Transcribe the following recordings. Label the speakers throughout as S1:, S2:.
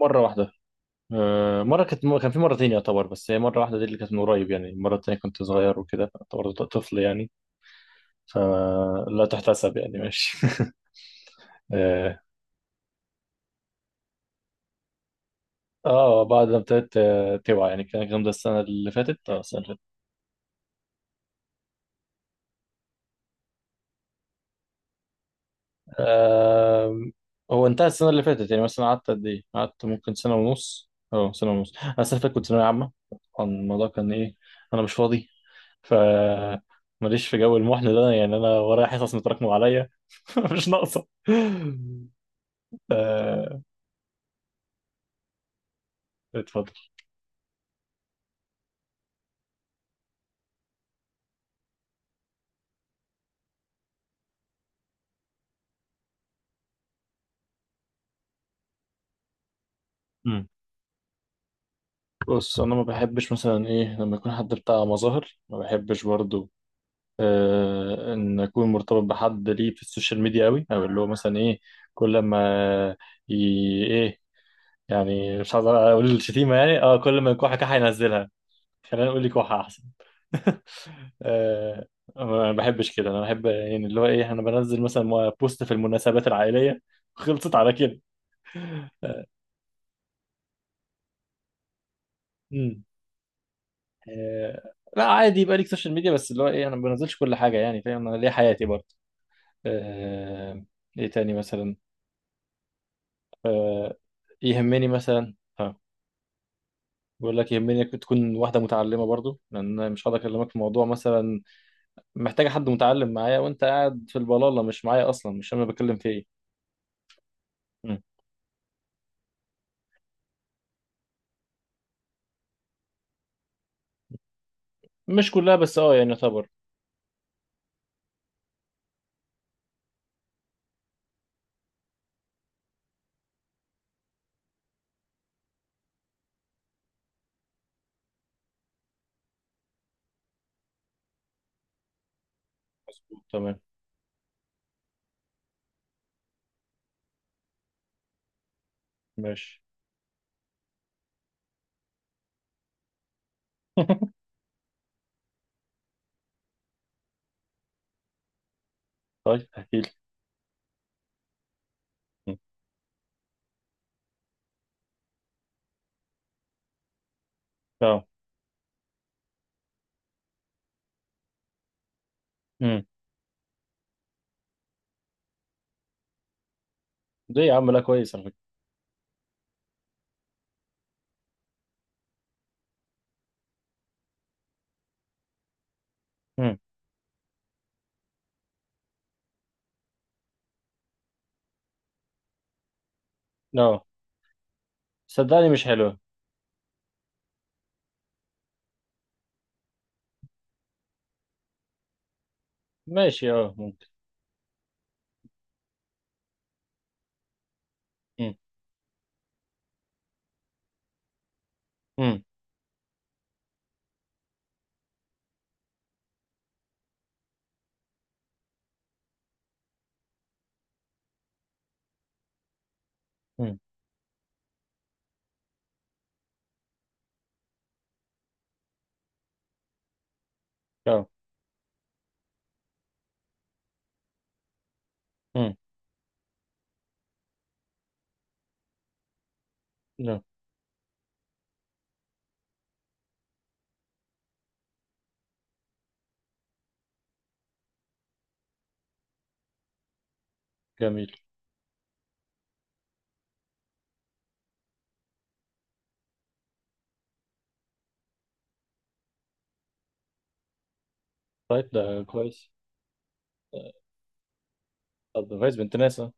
S1: مرة واحدة. آه، مرة كان في مرتين يعتبر، بس هي مرة واحدة دي اللي كانت من قريب، يعني المرة التانية كنت صغير وكده يعتبر طفل، يعني فلا تحتسب، يعني ماشي. اه. آه، بعد ما ابتديت توعى، يعني كان الكلام ده السنة اللي فاتت، السنة اللي فاتت. آه، هو انتهى السنة اللي فاتت، يعني مثلا قعدت قد ايه؟ قعدت ممكن سنة ونص. انا السنة اللي فاتت كنت ثانوية عامة، طبعاً الموضوع كان ايه، انا مش فاضي، ف ماليش في جو المحن ده، يعني انا ورايا حصص متراكمه عليا. مش ناقصه. آه، اتفضل. مم. بص، انا ما بحبش مثلا ايه لما يكون حد بتاع مظاهر، ما بحبش برضو ان اكون مرتبط بحد ليه في السوشيال ميديا قوي، او اللي هو مثلا ايه، كل ما ي... ايه، يعني مش عايز اقول الشتيمه، يعني كل ما يكون حاجه هينزلها. خليني اقول لك واحد احسن. آه. ما بحبش كده، انا بحب يعني اللي هو ايه انا بنزل مثلا بوست في المناسبات العائليه. خلصت على كده. آه. امم. آه، لا عادي يبقى ليك سوشيال ميديا، بس اللي هو ايه انا ما بنزلش كل حاجه، يعني فاهم، انا ليا حياتي برضه. آه. ايه تاني مثلا؟ آه، يهمني مثلا ها. بقول لك، يهمني إنك تكون واحده متعلمه برضو، لان أنا مش هقدر اكلمك في موضوع مثلا محتاجه حد متعلم معايا وانت قاعد في البلاله مش معايا، اصلا مش فاهم انا بتكلم في ايه. مش كلها بس يعني يعتبر. مظبوط تمام. ماشي. طيب احكي لي. اه. امم. ليه يا عم؟ لا، كويس على فكره. امم. اه. صدقني مش حلوه. ماشي، اه ممكن. امم. امم. امم. اه. امم. لا. جميل. طيب ده كويس. طب ده كويس، بنت ناس، اه.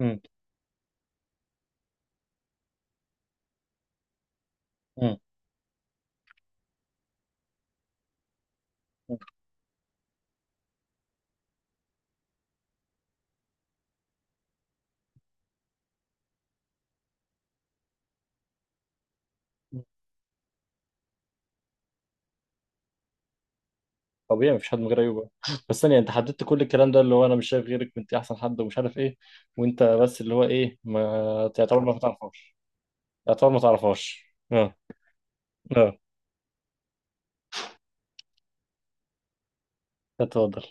S1: امم. امم. أمم. طبيعي مفيش حد من غير عيوب. آه. بس ثانيه، انت حددت كل الكلام ده اللي هو انا مش شايف غيرك، انت احسن حد، ومش عارف ايه، وانت بس اللي هو ايه ما تعتبر ما تعرفهاش. تعتبر ما تعرفهاش، اه. اه، اتفضل.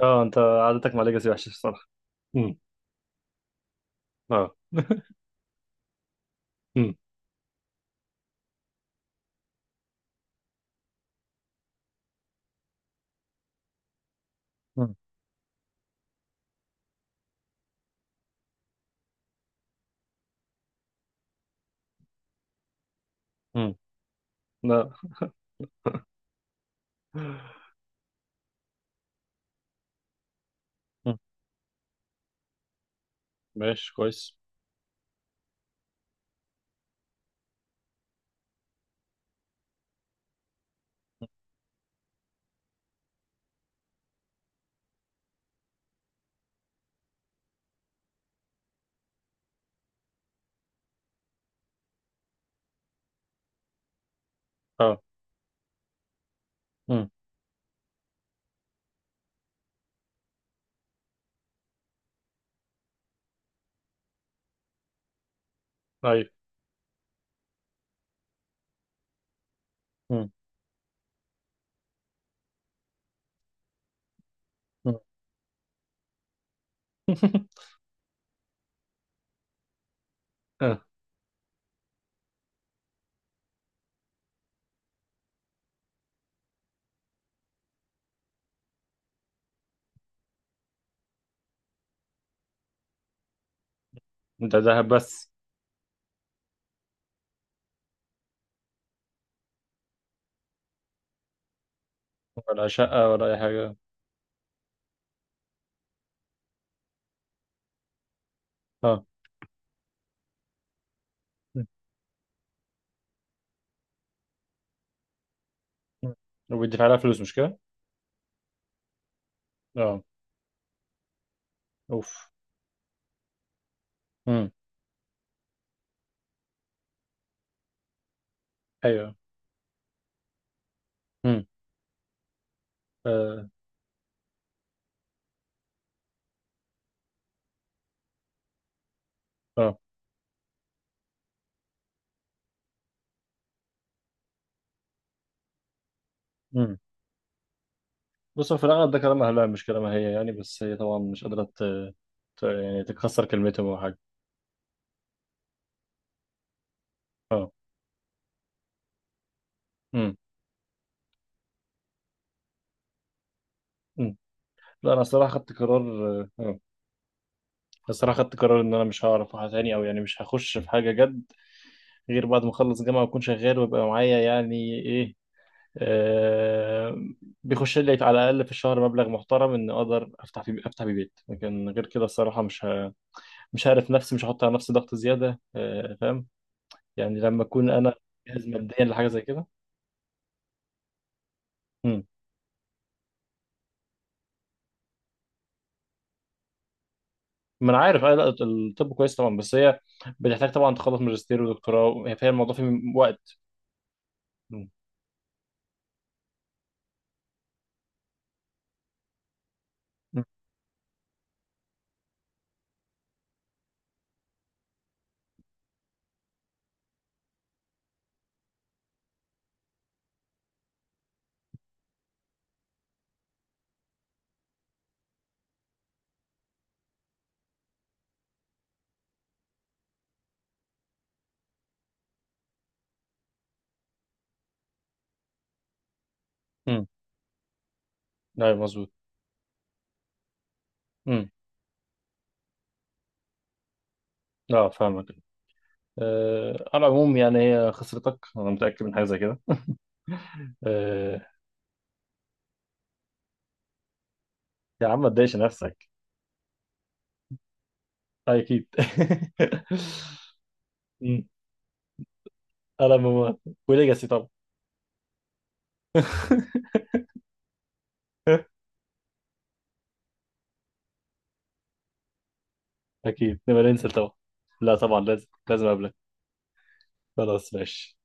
S1: اه، انت عادتك مع ليجاسي وحشه الصراحه. مم. اه. مم. مم. مم. لا. مم. ماشي كويس. اه. مم. ايوه. مم. مم. اه. ده ذهب بس؟ ولا شقه ولا اي حاجه. اه. مم. مم. وبيدفع لها فلوس، مش كده؟ اه. اوف. مم. ايوه. مم. اه. اه. مم. بص، هو في الاغلب ده كلام اهلها مش كلامها هي يعني، بس هي طبعا مش قادره يعني تكسر كلمتهم او حاجه. اه. مم. مم. لا، انا الصراحه خدت قرار، بس انا خدت قرار ان انا مش هعرف أروح تاني، او يعني مش هخش في حاجه جد غير بعد ما اخلص جامعه واكون شغال ويبقى معايا يعني ايه، آه بيخش لي على الاقل في الشهر مبلغ محترم ان اقدر افتح بيه بيت، لكن غير كده الصراحه مش هعرف نفسي، مش هحط على نفسي ضغط زياده، فاهم، يعني لما اكون انا جاهز ماديا لحاجه زي كده. مم. ما انا عارف. آه، لا الطب كويس طبعا، بس هي بتحتاج طبعا تخلص ماجستير ودكتوراه، هي فيها الموضوع فيه وقت. مم. مم. مم. ايوه مظبوط. مم. اه، فاهمك. أه، على العموم يعني هي خسرتك، انا متاكد من حاجه زي كده. أه، يا عم ما تضايقش نفسك. آه، اكيد. مم. انا بموت. وليجاسي طبعا. اكيد نبقى ننزل طبعا. لا، طبعا لازم لازم اقابلك. خلاص ماشي.